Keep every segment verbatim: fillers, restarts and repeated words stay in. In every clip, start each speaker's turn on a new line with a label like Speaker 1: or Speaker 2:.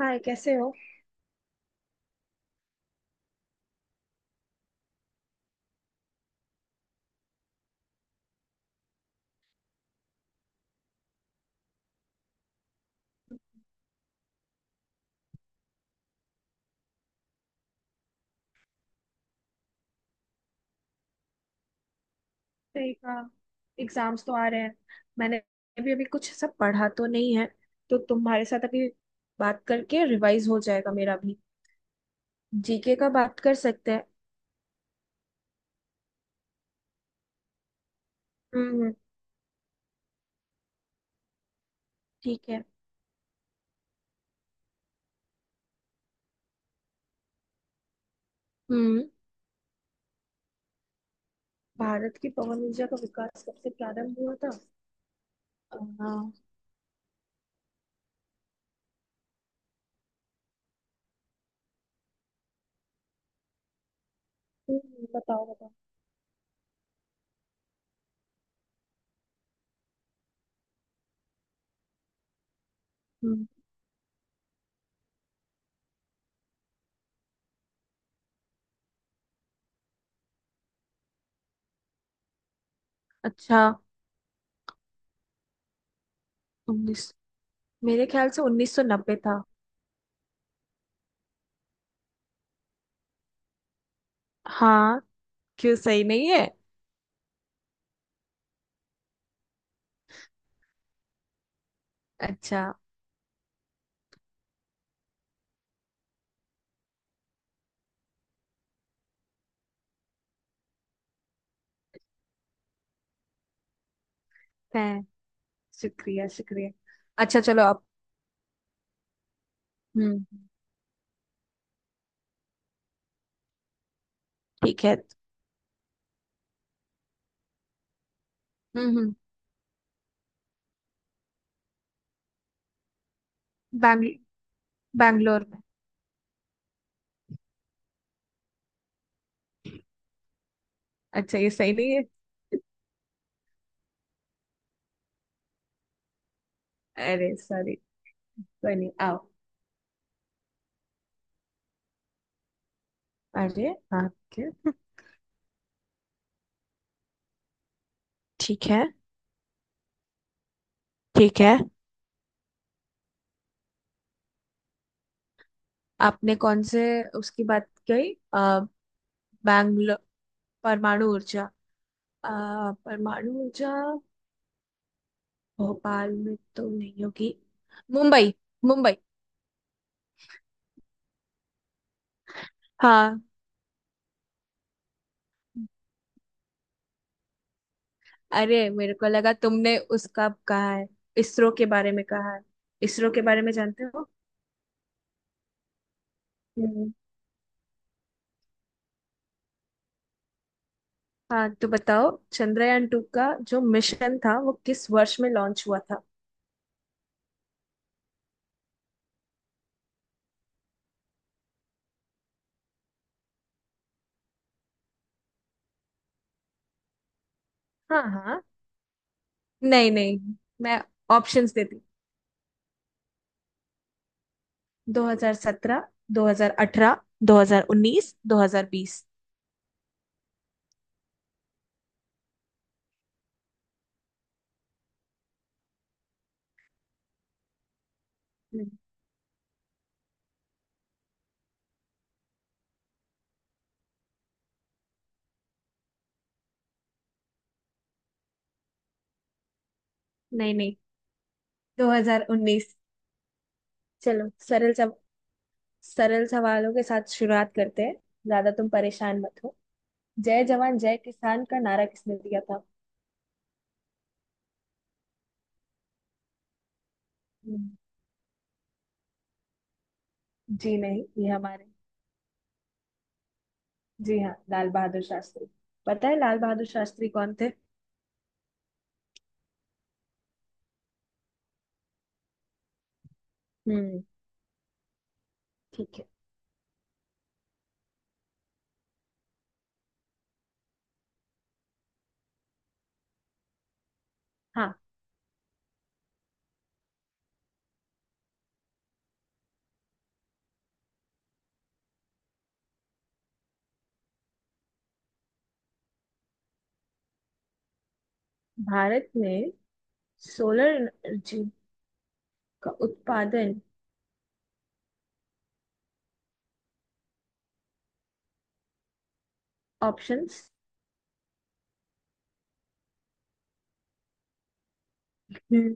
Speaker 1: हाय, कैसे हो। सही कहा। एग्जाम्स तो आ रहे हैं। मैंने भी अभी कुछ सब पढ़ा तो नहीं है। तो तुम्हारे साथ अभी बात करके रिवाइज हो जाएगा मेरा भी। जीके का बात कर सकते हैं। हम्म। ठीक है। हम्म। भारत की पवन ऊर्जा का विकास कब से प्रारंभ हुआ था? अ, हम्म, बताओ बताओ। हम्म। अच्छा। उन्नीस मेरे ख्याल से उन्नीस सौ नब्बे था। हाँ। क्यों सही नहीं है? अच्छा है। शुक्रिया, शुक्रिया। अच्छा, चलो आप। हम्म। ठीक है। हम्म। हम्म। बैंगल बैंगलोर में। अच्छा, ये सही नहीं है? अरे सॉरी। कोई नहीं, आओ। अरे। आपके। ठीक है। ठीक है। आपने कौन से उसकी बात कही? आ, बैंगलोर। परमाणु ऊर्जा। अ, परमाणु ऊर्जा। भोपाल में तो नहीं होगी। मुंबई। मुंबई। हाँ। अरे, मेरे को लगा तुमने उसका कहा है। इसरो के बारे में कहा है। इसरो के बारे में जानते हो। हाँ, तो बताओ, चंद्रयान टू का जो मिशन था वो किस वर्ष में लॉन्च हुआ था? हाँ हाँ। नहीं नहीं। मैं ऑप्शंस देती। दो हज़ार सत्रह, दो हज़ार अठारह, दो हज़ार उन्नीस, दो हज़ार बीस। नहीं। नहीं नहीं। दो हज़ार उन्नीस। चलो सरल सब सरल सवालों के साथ शुरुआत करते हैं। ज्यादा तुम परेशान मत हो। जय जवान जय किसान का नारा किसने दिया था? हम्म। जी नहीं, ये हमारे। जी हाँ, लाल बहादुर शास्त्री। पता है लाल बहादुर शास्त्री कौन थे? हम्म। ठीक है। हाँ, भारत में सोलर एनर्जी का उत्पादन। ऑप्शंस। हम्म।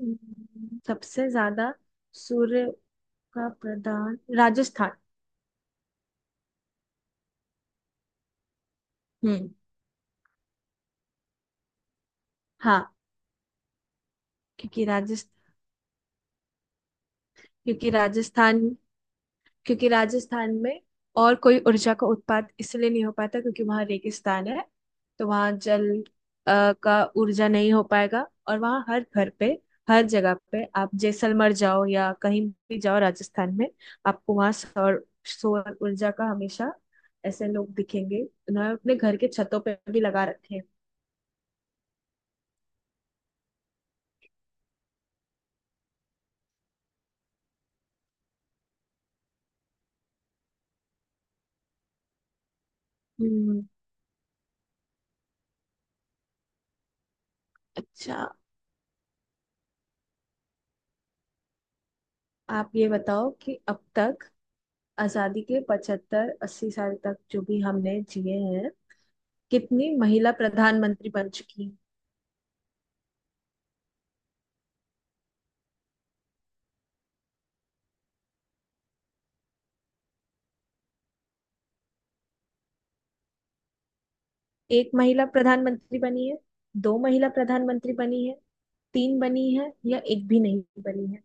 Speaker 1: हम्म, सबसे ज्यादा सूर्य का प्रदान राजस्थान। हम्म। हाँ। क्योंकि राजस्थान क्योंकि राजस्थान क्योंकि राजस्थान में और कोई ऊर्जा का उत्पाद इसलिए नहीं हो पाता क्योंकि वहाँ रेगिस्तान है। तो वहाँ जल अ, का ऊर्जा नहीं हो पाएगा। और वहाँ हर घर पे, हर जगह पे, आप जैसलमेर जाओ या कहीं भी जाओ राजस्थान में, आपको वहाँ सौर सौर ऊर्जा का हमेशा ऐसे लोग दिखेंगे। उन्होंने अपने घर के छतों पे भी लगा रखे हैं। हम्म। अच्छा, आप ये बताओ कि अब तक आजादी के पचहत्तर अस्सी साल तक जो भी हमने जिए हैं, कितनी महिला प्रधानमंत्री बन चुकी हैं? एक महिला प्रधानमंत्री बनी है, दो महिला प्रधानमंत्री बनी है, तीन बनी है, या एक भी नहीं बनी है?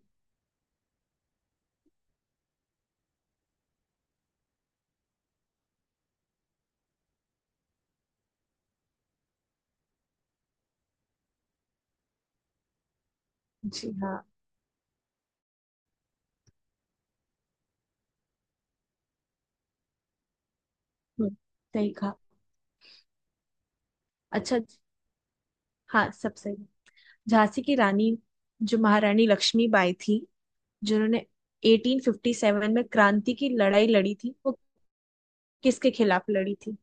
Speaker 1: जी हाँ। हम्म, सही कहा। अच्छा ज- हाँ, सब सही है। झांसी की रानी जो महारानी लक्ष्मीबाई थी, जिन्होंने अठारह सौ सत्तावन में क्रांति की लड़ाई लड़ी थी, वो किसके खिलाफ लड़ी थी?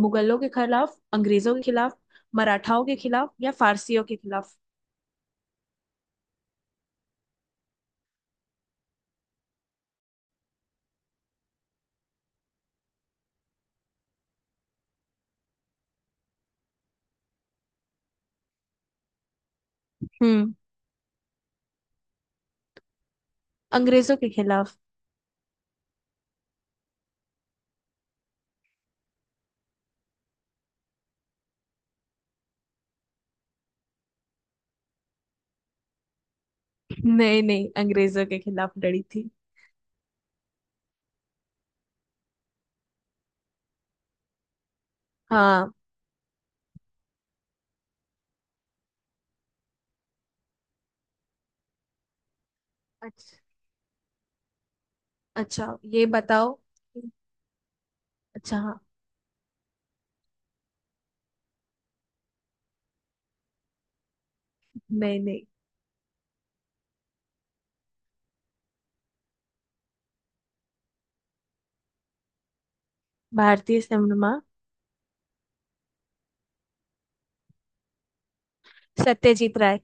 Speaker 1: मुगलों के खिलाफ, अंग्रेजों के खिलाफ, मराठाओं के खिलाफ या फारसियों के खिलाफ? हम्म। अंग्रेजों के खिलाफ। नहीं नहीं, अंग्रेजों के खिलाफ लड़ी थी। हाँ। अच्छा। अच्छा, ये बताओ। अच्छा, हाँ। नहीं नहीं। भारतीय सिनेमा। सत्यजीत राय।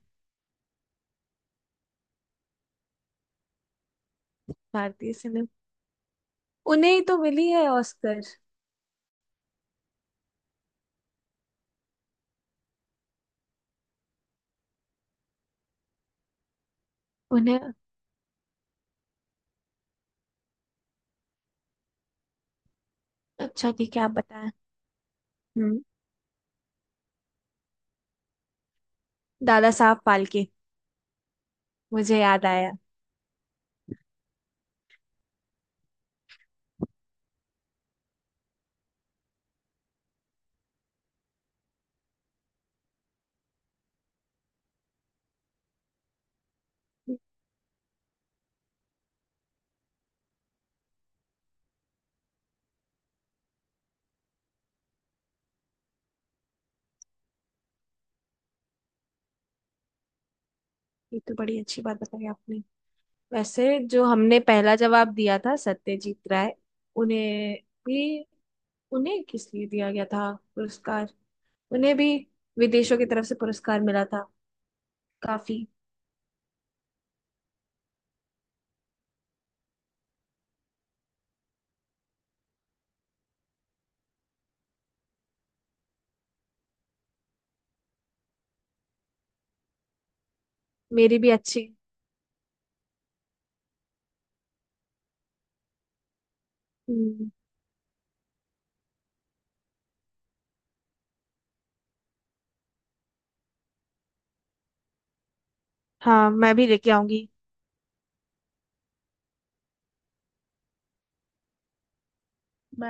Speaker 1: भारतीय सिनेमा। उन्हें ही तो मिली है ऑस्कर। उन्हें। अच्छा, ठीक है, आप बताएं। हम्म। दादा साहब फाल्के। मुझे याद आया। ये तो बड़ी अच्छी बात बताई आपने। वैसे जो हमने पहला जवाब दिया था सत्यजीत राय, उन्हें भी, उन्हें किस लिए दिया गया था पुरस्कार? उन्हें भी विदेशों की तरफ से पुरस्कार मिला था। काफी। मेरी भी अच्छी। हम्म। हाँ, मैं भी लेके आऊंगी। मैं